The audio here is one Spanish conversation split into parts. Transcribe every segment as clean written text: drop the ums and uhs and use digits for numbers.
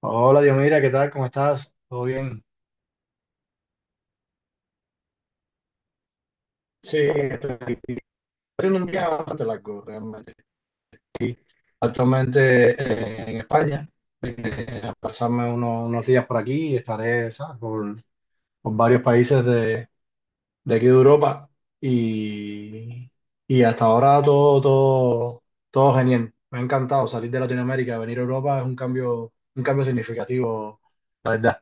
Hola, Dios, mira, ¿qué tal? ¿Cómo estás? ¿Todo bien? Sí, estoy aquí. Ha sido un día bastante largo realmente. Aquí, actualmente en España, a pasarme unos días por aquí y estaré, ¿sabes? Por varios países de aquí de Europa y, y hasta ahora todo genial. Me ha encantado salir de Latinoamérica, venir a Europa es un cambio significativo, la verdad.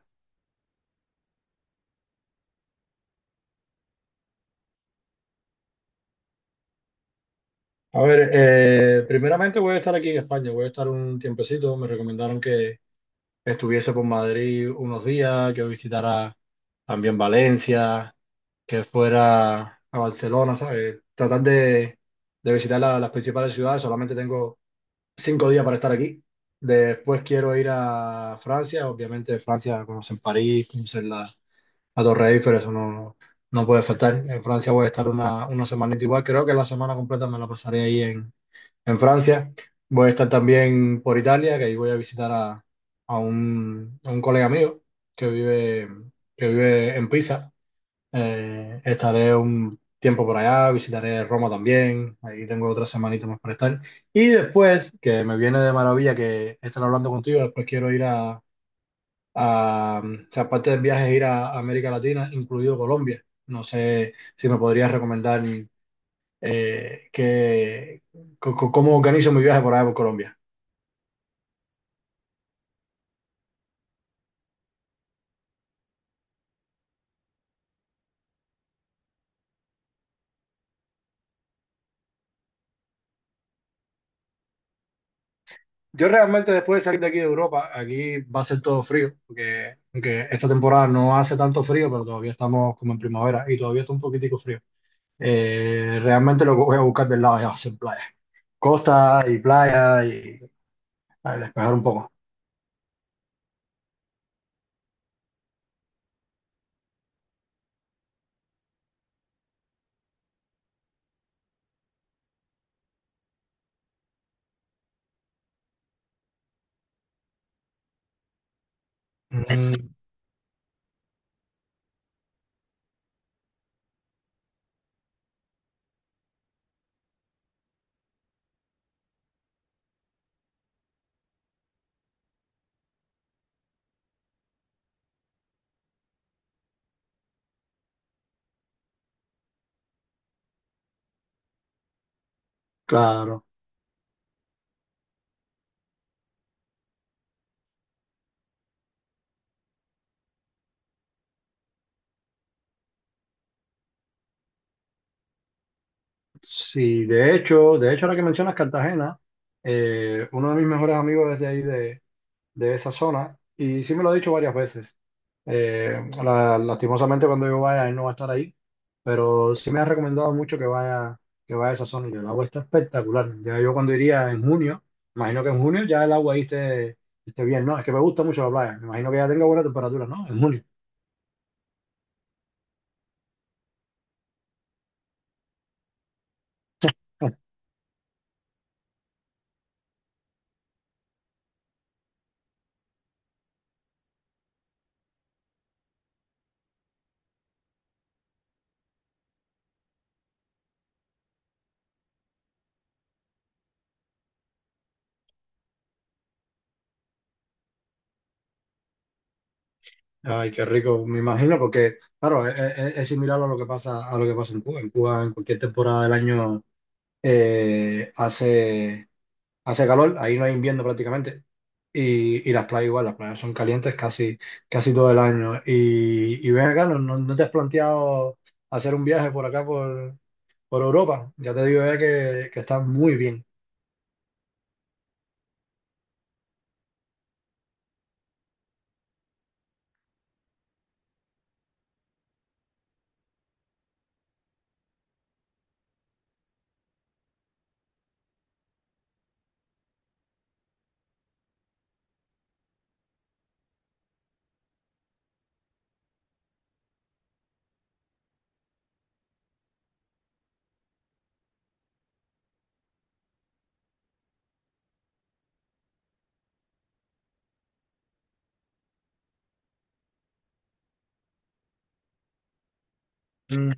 A ver, primeramente voy a estar aquí en España, voy a estar un tiempecito. Me recomendaron que estuviese por Madrid unos días, que visitara también Valencia, que fuera a Barcelona, ¿sabes? Tratar de visitar las principales ciudades. Solamente tengo 5 días para estar aquí. Después quiero ir a Francia, obviamente Francia, conocer París, conocer la Torre Eiffel, eso no puede faltar. En Francia voy a estar una semanita igual, creo que la semana completa me la pasaré ahí en Francia. Voy a estar también por Italia, que ahí voy a visitar a a un colega mío que vive, que vive en Pisa. Estaré un tiempo por allá, visitaré Roma también. Ahí tengo otra semanita más para estar. Y después, que me viene de maravilla que estar hablando contigo, después quiero ir a, o sea, aparte del viaje, ir a América Latina, incluido Colombia. No sé si me podrías recomendar eh, que, cómo organizo mi viaje por allá por Colombia. Yo realmente después de salir de aquí de Europa, aquí va a ser todo frío, porque, aunque esta temporada no hace tanto frío, pero todavía estamos como en primavera y todavía está un poquitico frío. Realmente lo que voy a buscar del lado ya va a ser playa. Costa y playa y a despejar un poco. Mm, claro. Sí, de hecho, ahora que mencionas Cartagena, uno de mis mejores amigos es de ahí de esa zona y sí me lo ha dicho varias veces. Lastimosamente cuando yo vaya, él no va a estar ahí, pero sí me ha recomendado mucho que vaya a esa zona y el agua está espectacular. Ya yo cuando iría en junio, imagino que en junio ya el agua esté bien, ¿no? Es que me gusta mucho la playa, me imagino que ya tenga buena temperatura, ¿no? En junio. Ay, qué rico, me imagino, porque claro, es similar a lo que pasa, a lo que pasa en Cuba. En Cuba, en cualquier temporada del año, eh, hace hace calor, ahí no hay invierno prácticamente. Y las playas igual, las playas son calientes casi, casi todo el año. Y ven acá, ¿ no te has planteado hacer un viaje por acá, por Europa? Ya te digo, que está muy bien. Mm.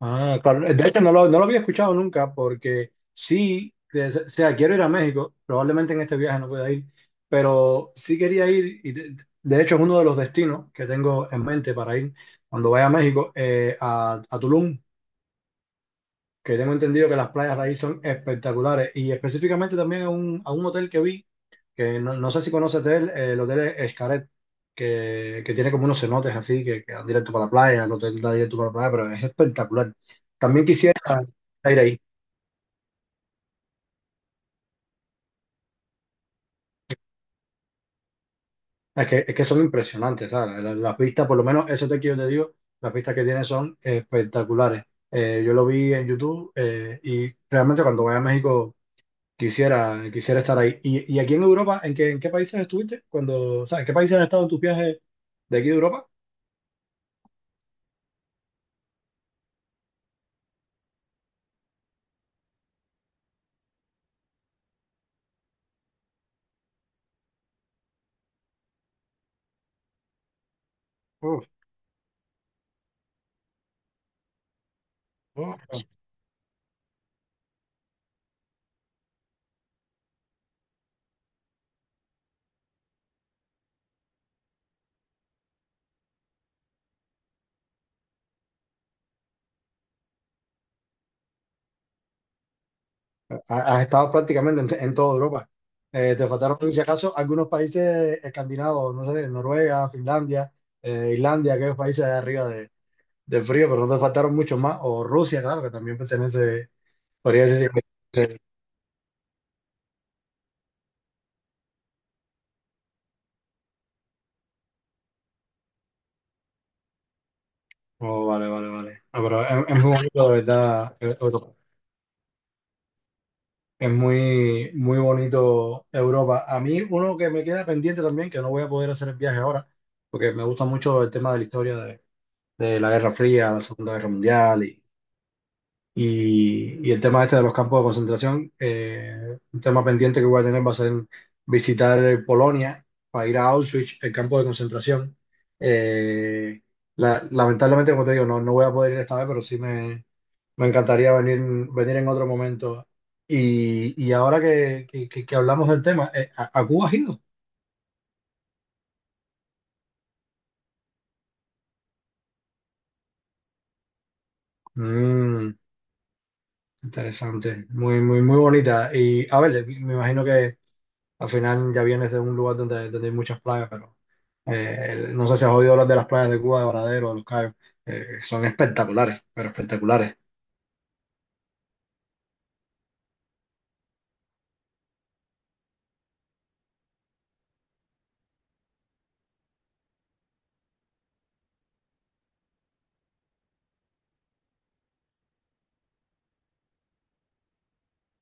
Ah, claro. De hecho, no lo había escuchado nunca porque sí, o sea, quiero ir a México, probablemente en este viaje no pueda ir, pero sí quería ir y de hecho es uno de los destinos que tengo en mente para ir cuando vaya a México, a Tulum. Que tengo entendido que las playas de ahí son espectaculares y específicamente también a a un hotel que vi, que no, no sé si conoces de él, el hotel Escaret, que tiene como unos cenotes así que dan directo para la playa, el hotel da directo para la playa, pero es espectacular. También quisiera ir ahí, es que son impresionantes, ¿sabes? Las vistas, por lo menos ese hotel que yo te digo, las vistas que tiene son espectaculares. Yo lo vi en YouTube, y realmente cuando voy a México, quisiera, quisiera estar ahí. Y aquí en Europa, en qué países estuviste? Cuando, o sea, ¿en qué países has estado en tus viajes de aquí de Europa? Uf, uf, has estado prácticamente en toda Europa. Te faltaron, si acaso, algunos países escandinavos, no sé, Noruega, Finlandia, Islandia, aquellos países de arriba del frío, pero no te faltaron muchos más. O Rusia, claro, que también pertenece, podría decir. Sí. Oh, vale, vale, vale. Ah, pero es, muy bonito, de verdad, Europa. Es muy, muy bonito Europa. A mí, uno que me queda pendiente también, que no voy a poder hacer el viaje ahora, porque me gusta mucho el tema de la historia de la Guerra Fría, la Segunda Guerra Mundial y, y el tema este de los campos de concentración. Un tema pendiente que voy a tener va a ser visitar, Polonia, para ir a Auschwitz, el campo de concentración. Eh, Lamentablemente, como te digo, no, no voy a poder ir esta vez, pero sí me encantaría venir, venir en otro momento. Y ahora que hablamos del tema, ¿ a Cuba has ido? Mm, interesante, muy, muy, muy bonita. Y a ver, me imagino que al final ya vienes de un lugar donde, donde hay muchas playas, pero no sé si has oído hablar de las playas de Cuba, de Varadero, de Los Cayos. Son espectaculares, pero espectaculares.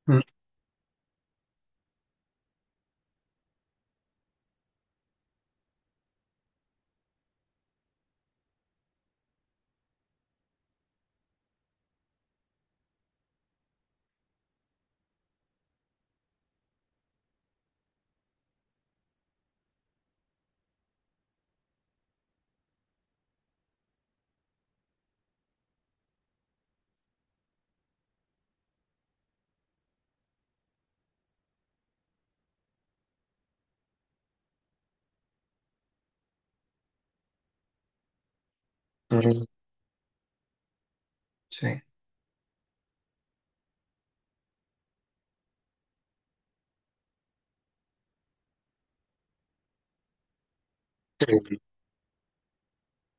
Mm, mm, sí.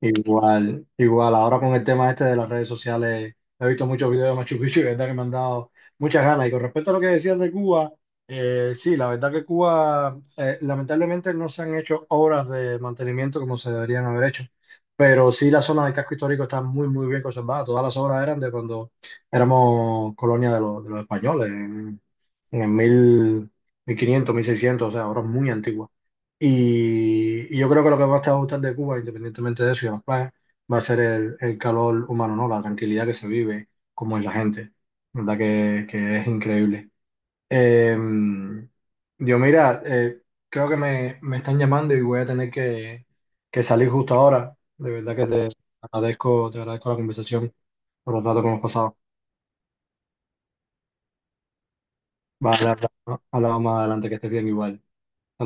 Igual, igual, ahora con el tema este de las redes sociales, he visto muchos videos de Machu Picchu y la verdad que me han dado muchas ganas. Y con respecto a lo que decías de Cuba, sí, la verdad que Cuba, lamentablemente no se han hecho obras de mantenimiento como se deberían haber hecho, pero sí la zona del casco histórico está muy, muy bien conservada. Todas las obras eran de cuando éramos colonia de los españoles, en, en el 1500, 1600, o sea, obras muy antiguas. Y yo creo que lo que más te va a gustar de Cuba, independientemente de eso y de los planes, va a ser el calor humano, ¿no? La tranquilidad que se vive, como es la gente, ¿verdad? Que es increíble. Eh, yo, mira, creo que me están llamando y voy a tener que salir justo ahora. De verdad que te agradezco la conversación por el rato que hemos pasado. Vale, hablamos más adelante, que estés bien igual. Hasta luego.